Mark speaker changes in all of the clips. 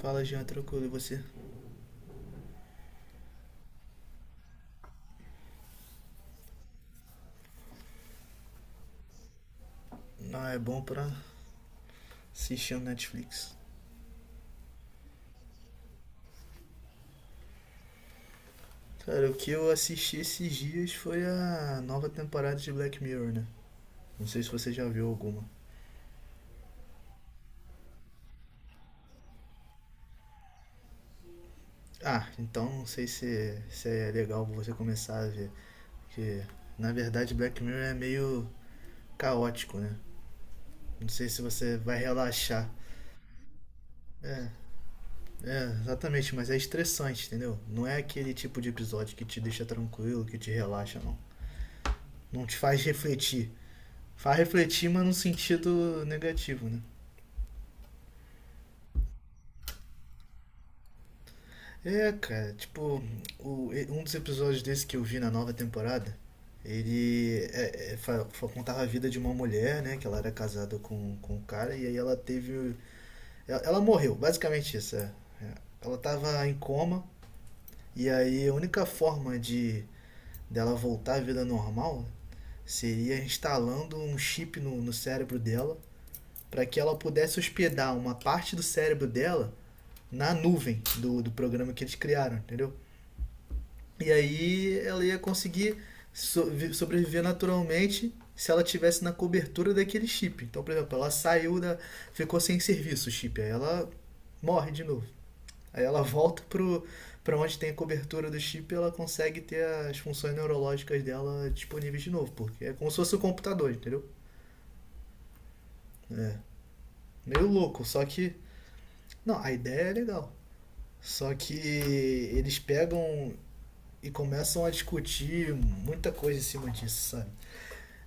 Speaker 1: Fala, Jean, tranquilo, e você? Ah, é bom pra assistir no Netflix. Cara, o que eu assisti esses dias foi a nova temporada de Black Mirror, né? Não sei se você já viu alguma. Ah, então não sei se é legal você começar a ver. Porque, na verdade, Black Mirror é meio caótico, né? Não sei se você vai relaxar. É, exatamente, mas é estressante, entendeu? Não é aquele tipo de episódio que te deixa tranquilo, que te relaxa, não. Não te faz refletir. Faz refletir, mas no sentido negativo, né? É, cara, tipo, um dos episódios desse que eu vi na nova temporada, ele contava a vida de uma mulher, né? Que ela era casada com um cara e aí ela teve. Ela morreu, basicamente isso. É. É. Ela tava em coma e aí a única forma de dela voltar à vida normal seria instalando um chip no cérebro dela para que ela pudesse hospedar uma parte do cérebro dela na nuvem do programa que eles criaram, entendeu? E aí ela ia conseguir sobreviver naturalmente se ela tivesse na cobertura daquele chip. Então, por exemplo, ela saiu da. Ficou sem serviço o chip, aí ela morre de novo. Aí ela volta pro, para onde tem a cobertura do chip ela consegue ter as funções neurológicas dela disponíveis de novo, porque é como se fosse um computador, entendeu? É. Meio louco, só que. Não, a ideia é legal. Só que eles pegam e começam a discutir muita coisa em cima disso, sabe?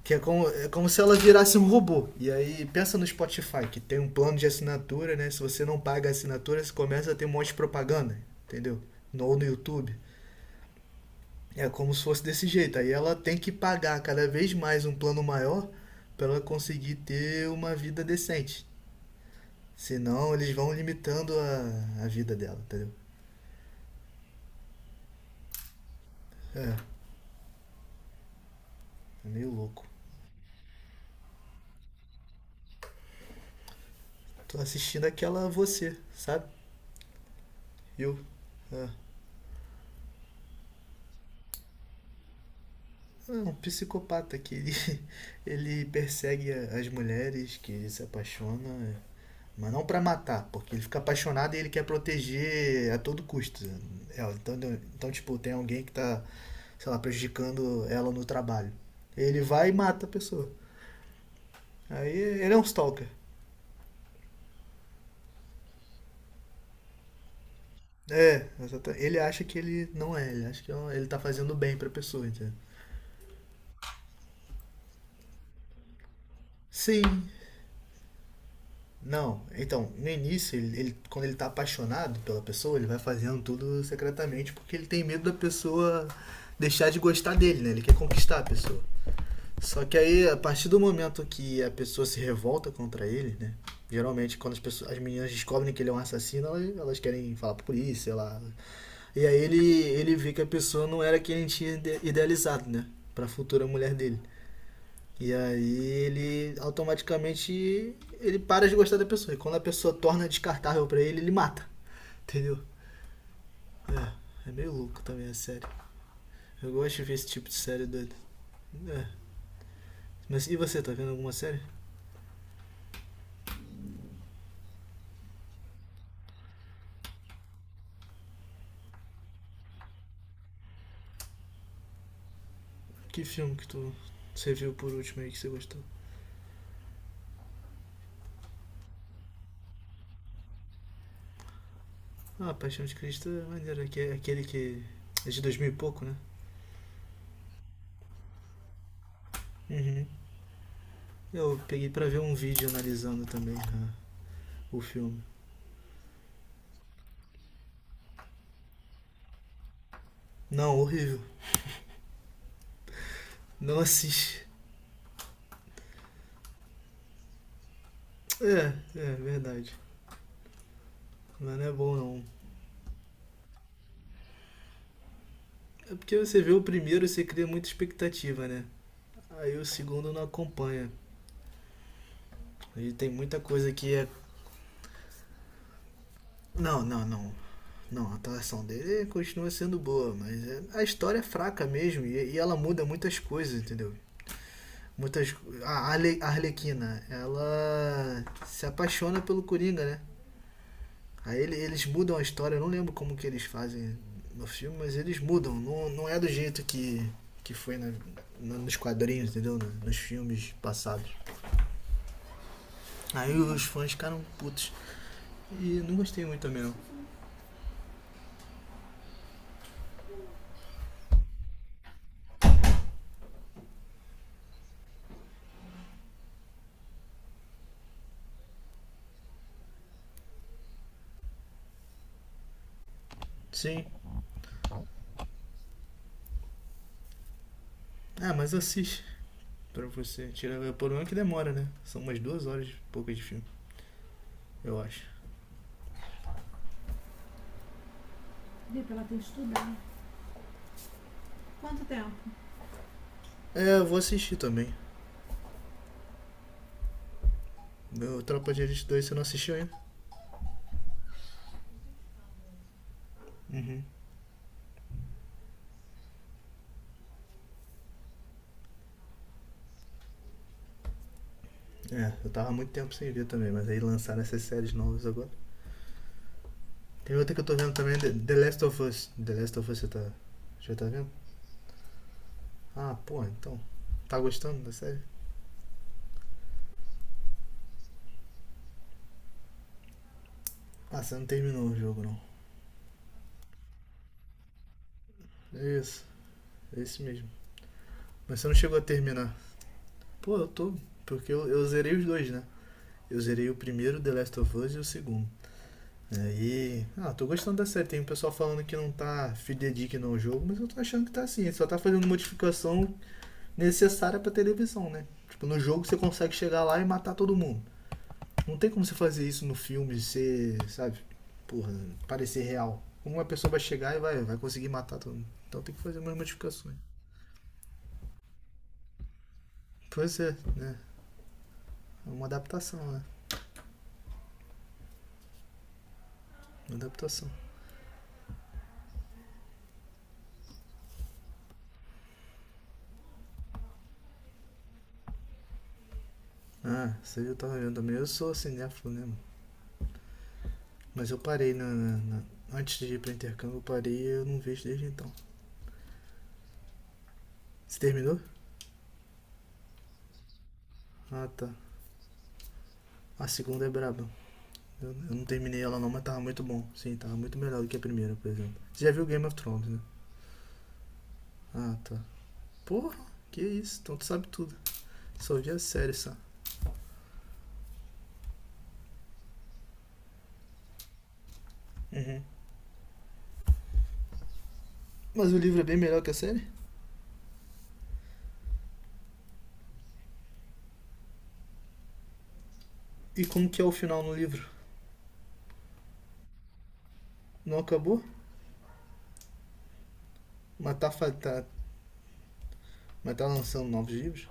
Speaker 1: Que é como se ela virasse um robô. E aí, pensa no Spotify, que tem um plano de assinatura, né? Se você não paga a assinatura, você começa a ter um monte de propaganda, entendeu? No, ou no YouTube. É como se fosse desse jeito. Aí ela tem que pagar cada vez mais um plano maior para ela conseguir ter uma vida decente. Senão, eles vão limitando a vida dela, entendeu? É, é meio louco. Tô assistindo aquela Você, sabe? Eu. É. Um psicopata que ele, ele persegue as mulheres, que ele se apaixona, mas não pra matar, porque ele fica apaixonado e ele quer proteger a todo custo. É, então, tipo, tem alguém que tá, sei lá, prejudicando ela no trabalho. Ele vai e mata a pessoa. Aí ele é um stalker. É, ele acha que ele não é, ele acha que é ele tá fazendo bem pra pessoa, entendeu? Sim, não, então, no início, quando ele tá apaixonado pela pessoa, ele vai fazendo tudo secretamente porque ele tem medo da pessoa deixar de gostar dele, né? Ele quer conquistar a pessoa. Só que aí, a partir do momento que a pessoa se revolta contra ele, né? Geralmente, quando as, pessoas, as meninas descobrem que ele é um assassino, elas querem falar pra polícia, sei lá. E aí ele vê que a pessoa não era quem ele tinha idealizado, né? Pra futura mulher dele. E aí ele automaticamente ele para de gostar da pessoa. E quando a pessoa torna descartável pra ele, ele mata. Entendeu? É, é meio louco também a série. Eu gosto de ver esse tipo de série doido. É. Mas e você, tá vendo alguma série? Que filme que tu você viu por último aí que você gostou? Ah, Paixão de Cristo é maneiro, que é aquele que é de 2000 e pouco, né? Uhum. Eu peguei pra ver um vídeo analisando também cara, o filme. Não, horrível. Não assiste. É, é verdade. Mas não é bom não. É porque você vê o primeiro, você cria muita expectativa, né? Aí o segundo não acompanha. E tem muita coisa que é. Não. Não, a atuação dele continua sendo boa, mas a história é fraca mesmo e ela muda muitas coisas, entendeu? Muitas. A Arlequina, ela se apaixona pelo Coringa, né? Aí eles mudam a história, eu não lembro como que eles fazem no filme, mas eles mudam. Não, não é do jeito que foi nos quadrinhos, entendeu? Nos filmes passados. Aí os fãs ficaram putos. E não gostei muito também não. Sim. Ah, mas assiste pra você. Tira... O problema é que demora, né? São umas duas horas e poucas de filme, eu acho. Vê pra ela ter estudado. Quanto tempo? É, eu vou assistir também. Meu Tropa de Elite 2 você não assistiu ainda? Uhum. É, eu tava há muito tempo sem ver também, mas aí lançaram essas séries novas agora. Tem outra que eu tô vendo também, The Last of Us. The Last of Us você tá. Já tá vendo? Ah, pô, então. Tá gostando da série? Ah, você não terminou o jogo não. É isso, é isso mesmo. Mas você não chegou a terminar. Pô, eu tô. Porque eu zerei os dois, né? Eu zerei o primeiro, The Last of Us, e o segundo. Aí. Ah, tô gostando da série. Tem um pessoal falando que não tá fidedigno ao jogo, mas eu tô achando que tá assim. Ele só tá fazendo modificação necessária pra televisão, né? Tipo, no jogo você consegue chegar lá e matar todo mundo. Não tem como você fazer isso no filme, ser, sabe? Porra, parecer real. Uma pessoa vai chegar e vai conseguir matar todo mundo. Então tem que fazer umas modificações. Pois é, né? É uma adaptação, né? Uma adaptação. Ah, você já tá olhando também. Eu sou cinéfilo, né, mano? Mas eu parei na Antes de ir pra intercâmbio, eu parei e eu não vejo desde então. Você terminou? Ah, tá. A segunda é braba. Eu não terminei ela não, mas tava muito bom. Sim, tava muito melhor do que a primeira, por exemplo. Você já viu Game of Thrones, né? Ah, tá. Porra, que isso? Então tu sabe tudo. Só vi a série, só. Uhum. Mas o livro é bem melhor que a série? E como que é o final no livro? Não acabou? Mas tá, mas tá lançando novos livros?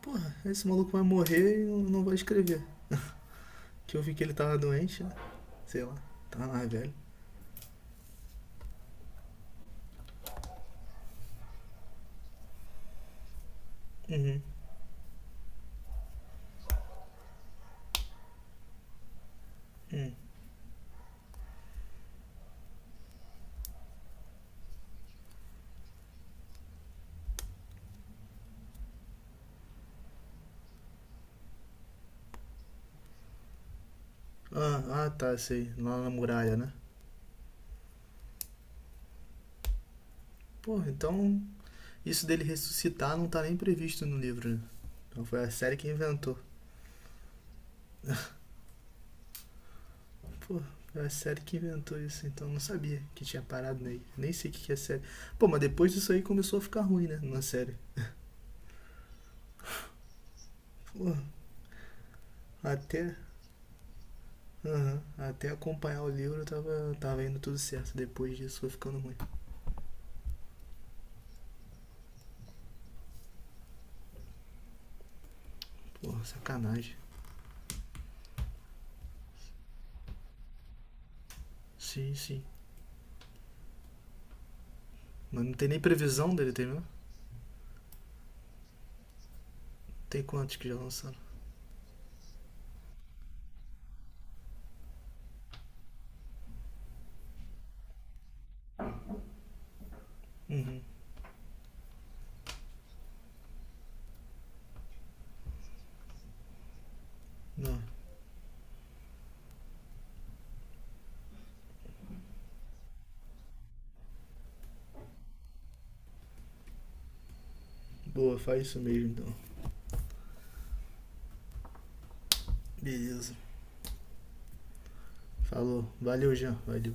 Speaker 1: Porra, esse maluco vai morrer e não vai escrever. Que eu vi que ele tava doente, né? Sei lá. Tava mais velho. Uhum. Hum. Ah, ah, tá, sei. Lá na muralha, né? Pô, então isso dele ressuscitar não tá nem previsto no livro, né? Então foi a série que inventou. Pô, foi a série que inventou isso, então eu não sabia que tinha parado nele. Nem sei o que que é série. Pô, mas depois disso aí começou a ficar ruim, né? Na série. Pô, até. Aham, até acompanhar o livro tava indo tudo certo. Depois disso foi ficando ruim. Pô, sacanagem. Sim, sim. Mas não tem nem previsão dele terminar? Tem quantos que já lançaram? Uhum. Não. Boa, faz isso mesmo então. Beleza. Falou. Valeu, Jean. Valeu.